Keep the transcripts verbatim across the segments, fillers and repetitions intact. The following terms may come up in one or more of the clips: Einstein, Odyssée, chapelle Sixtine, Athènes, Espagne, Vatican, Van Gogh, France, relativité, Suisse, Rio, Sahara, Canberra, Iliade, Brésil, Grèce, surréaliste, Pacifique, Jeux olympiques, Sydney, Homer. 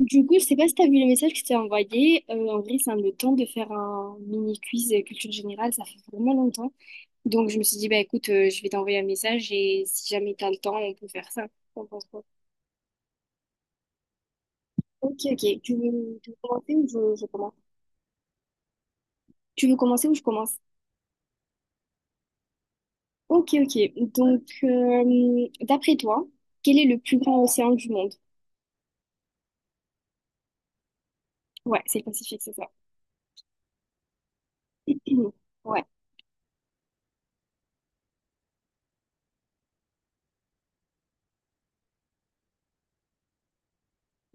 Du coup, je sais pas si t'as vu le message que je t'ai envoyé. Euh, en vrai, ça me tente de faire un mini quiz euh, culture générale. Ça fait vraiment longtemps. Donc, je me suis dit, bah écoute, euh, je vais t'envoyer un message et si jamais t'as le temps, on peut faire ça. T'en penses quoi? Ok, ok. Tu veux, tu veux commencer ou je, je commence? Tu veux commencer ou je commence? Ok, ok. Donc, euh, d'après toi, quel est le plus grand océan du monde? Ouais, c'est le Pacifique, c'est ça. Ouais.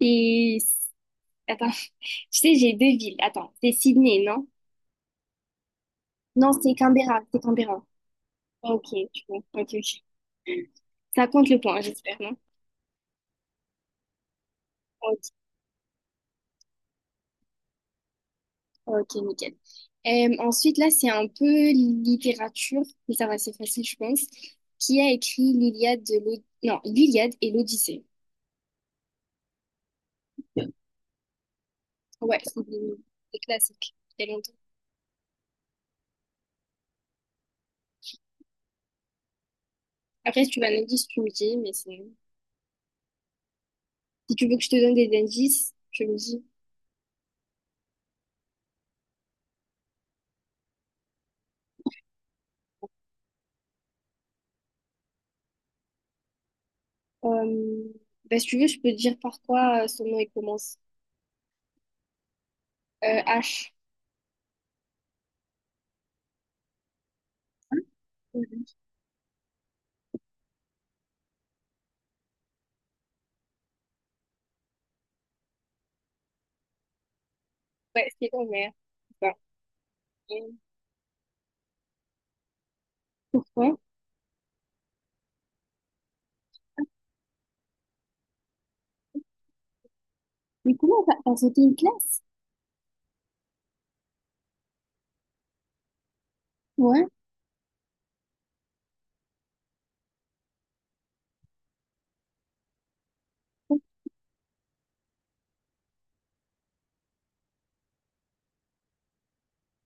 Et attends, tu sais, j'ai deux villes. Attends, c'est Sydney, non? Non, c'est Canberra. C'est Canberra. Ok, tu vois. Ok, ok. Ça compte le point, j'espère, non? Ok, ok, nickel. Euh, ensuite, là, c'est un peu littérature, mais ça va, c'est facile, je pense. Qui a écrit l'Iliade de l'O- non, l'Iliade et l'Odyssée? Ouais, c'est des, des classiques. Il y a longtemps. Après, si tu veux un indice, tu me dis, mais c'est... Si tu veux que je te donne des indices, tu me dis. Euh, bah, si tu veux, je peux te dire par quoi euh, son nom il commence. Euh, H. Mhm. Ouais, c'est Homer. Bah, euh, pourquoi? Mais comment t'as t'as sauté une classe? Ouais.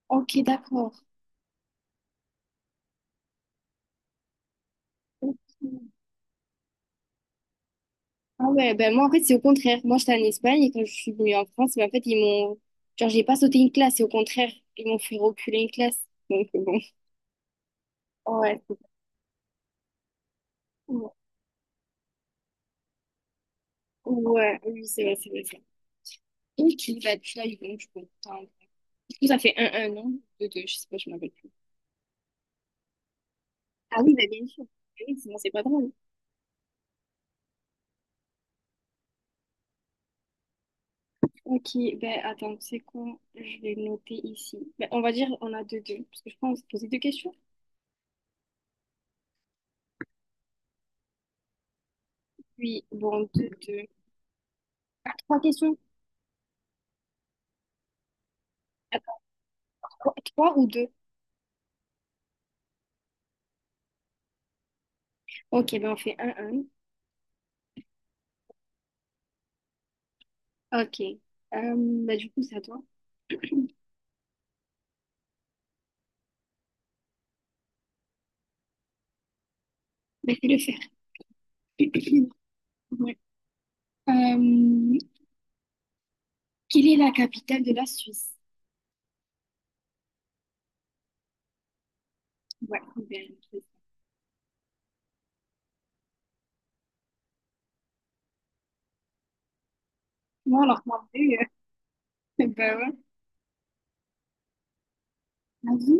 Ok, d'accord. Ok. Ah ouais, ben moi en fait c'est au contraire. Moi j'étais en Espagne et quand je suis venue en France, ben, en fait ils m'ont... Genre j'ai pas sauté une classe et au contraire ils m'ont fait reculer une classe. Donc euh, bon. Ouais, c'est cool. Ouais, oui c'est vrai, c'est vrai, c'est vrai. Ok, bah tu l'as eu bon, je comprends. Du coup ça fait un, un, non? Deux, deux, je sais pas, je m'appelle plus. Ah oui, bah bien sûr. Ah oui, sinon c'est pas drôle. Ok, ben attends, c'est quoi? Je vais noter ici. Ben, on va dire on a deux, deux, parce que je pense poser deux questions. Oui, bon, deux, deux. Ah, trois questions? Attends, quoi, trois ou deux? Ok, ben on fait un, un. Ok. Euh, ben du coup, c'est à toi. Ben fais-le faire. Ouais. Euh, quelle est la capitale de la Suisse? Ouais, ok, ben, moi, alors qu'en vrai, euh, ben ouais. Ah oui?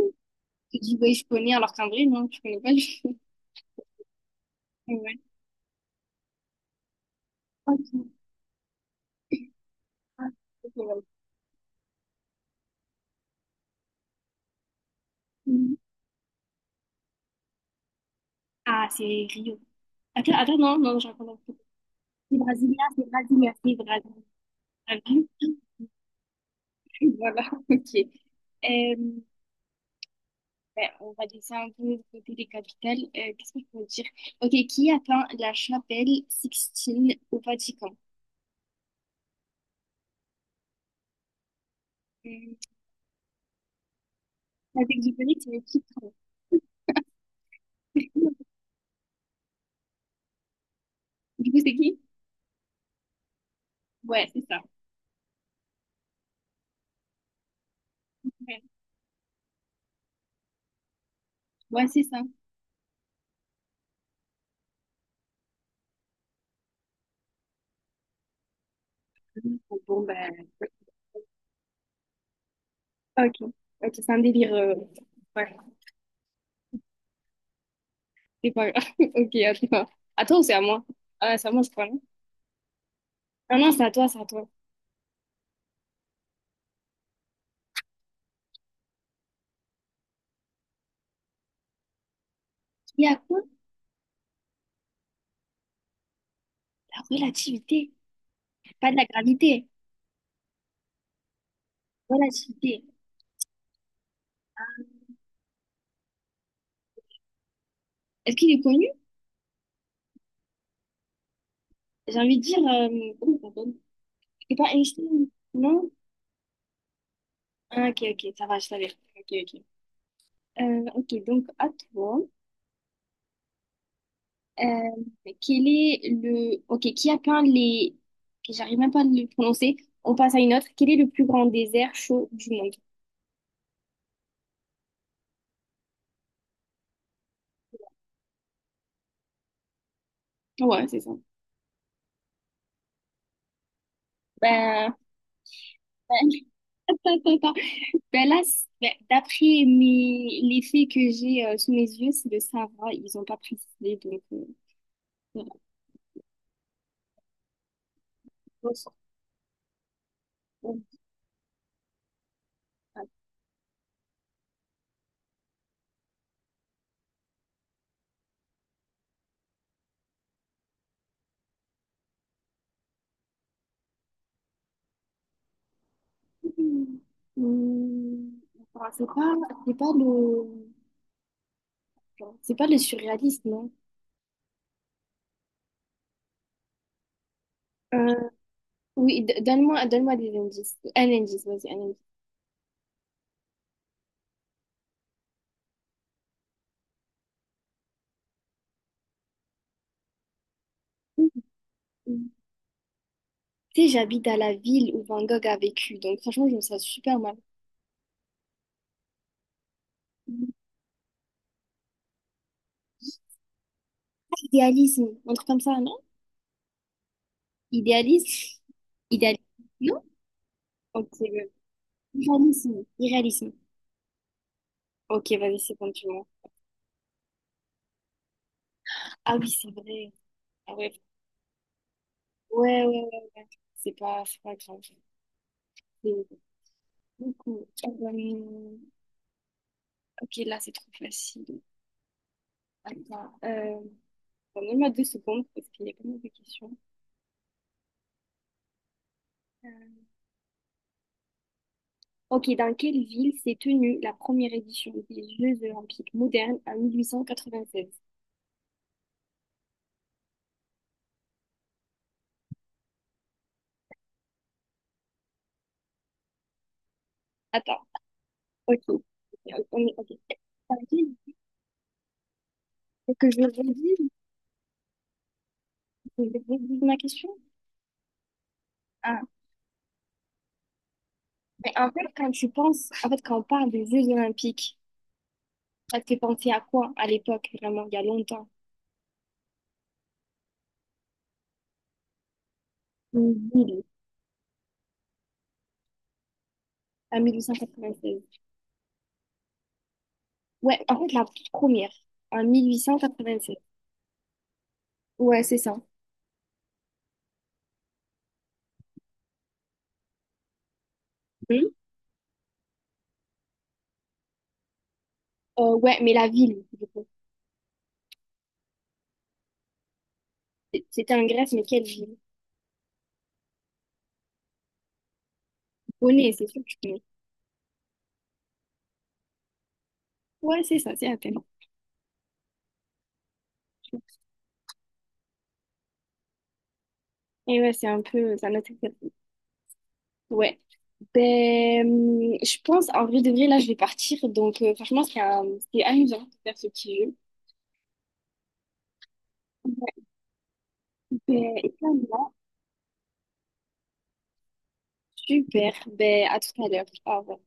Tu dis, ouais, je connais, alors qu'en vrai, non, je connais pas du tout. Ouais. Ok. Ah, ok, ouais. Hmm. Ah, c'est Rio. Attends, attends, non, non, j'en connais pas. C'est brésilien, c'est brésilien, c'est brésilien. Ah oui? Voilà, ok. Euh, ben, on va laisser un peu de côté les capitales. Euh, qu'est-ce qu'on peut dire? Ok, qui a peint la chapelle Sixtine au Vatican? Hum, La Vatican, c'est le titre. Du coup, c'est qui? Ouais, c'est ça. Ouais, ouais, c'est ça. Mhm. Bon, ben, ok. Ok, c'est un délire. euh, Ouais, c'est pas grave. Ok, à toi. À toi ou c'est à moi? Ah, c'est à moi, je crois, non? Ah non, c'est à toi, c'est à toi. Il y a quoi? La relativité. Pas de la gravité. Relativité. Est-ce qu'il est connu? J'ai envie de dire. euh, Comment il s'appelle? C'est pas Einstein, non? Ah, ok, ok, ça va, je savais. Ok, ok. Euh, ok, donc à toi. Euh, quel est le... Ok, qui a peint les... ok, j'arrive même pas à le prononcer. On passe à une autre. Quel est le plus grand désert chaud du monde? Ouais, c'est ça. Ben, ben, attends, attends. Ben là, c'est- ben, d'après mes... les faits que j'ai euh, sous mes yeux, c'est le Sahara. Ils ont pas précisé, donc... euh, voilà. Hum, hum, attends, c'est pas, c'est pas le... C'est pas le surréaliste, non? Euh, oui, d- donne-moi, donne-moi des indices. Un indice, vas-y, un indice. Mhm. Tu sais, j'habite à la ville où Van Gogh a vécu, donc franchement, je me sens super mal. Idéalisme, un truc comme ça, non? Idéalisme? Idéalisme, non? Ok, ouais. Irréalisme, irréalisme. Ok, vas-y, c'est bon, tu vois. Ah oui, c'est vrai. Ah ouais, ouais, ouais, ouais, ouais. C'est pas, c'est pas grave. C'est beaucoup. Euh, ok, là, c'est trop facile. Attends. euh, Donne-moi deux secondes parce qu'il y a pas mal de questions. Euh, Ok, dans quelle ville s'est tenue la première édition des Jeux olympiques modernes en mille huit cent quatre-vingt-seize? Attends, ok. Ok, on est- ok. Dans quelle- Faut que je redise, que je redise ma question? Ah, mais en fait, quand tu penses, en fait, quand on parle des Jeux olympiques, ça te fait penser à quoi à l'époque, vraiment, il y a longtemps? Une ville, en mille huit cent quatre-vingt-seize. Ouais, en fait, la toute première, en mille huit cent quatre-vingt-seize. Ouais, c'est ça. Hmm. Euh, ouais, mais la ville, du coup. C'est- C'était en Grèce, mais quelle ville? Bonnet, c'est sûr que tu connais. Ouais, c'est ça, c'est Athènes. Et ouais, c'est un peu, ça notre. Ouais. Ben, hum, je pense, en vrai de vrai, là, je vais partir. Donc, euh, franchement, c'est un- c'est amusant de faire ce petit jeu. Ouais. Ben, et là, super. Ben, à tout à l'heure. Au revoir.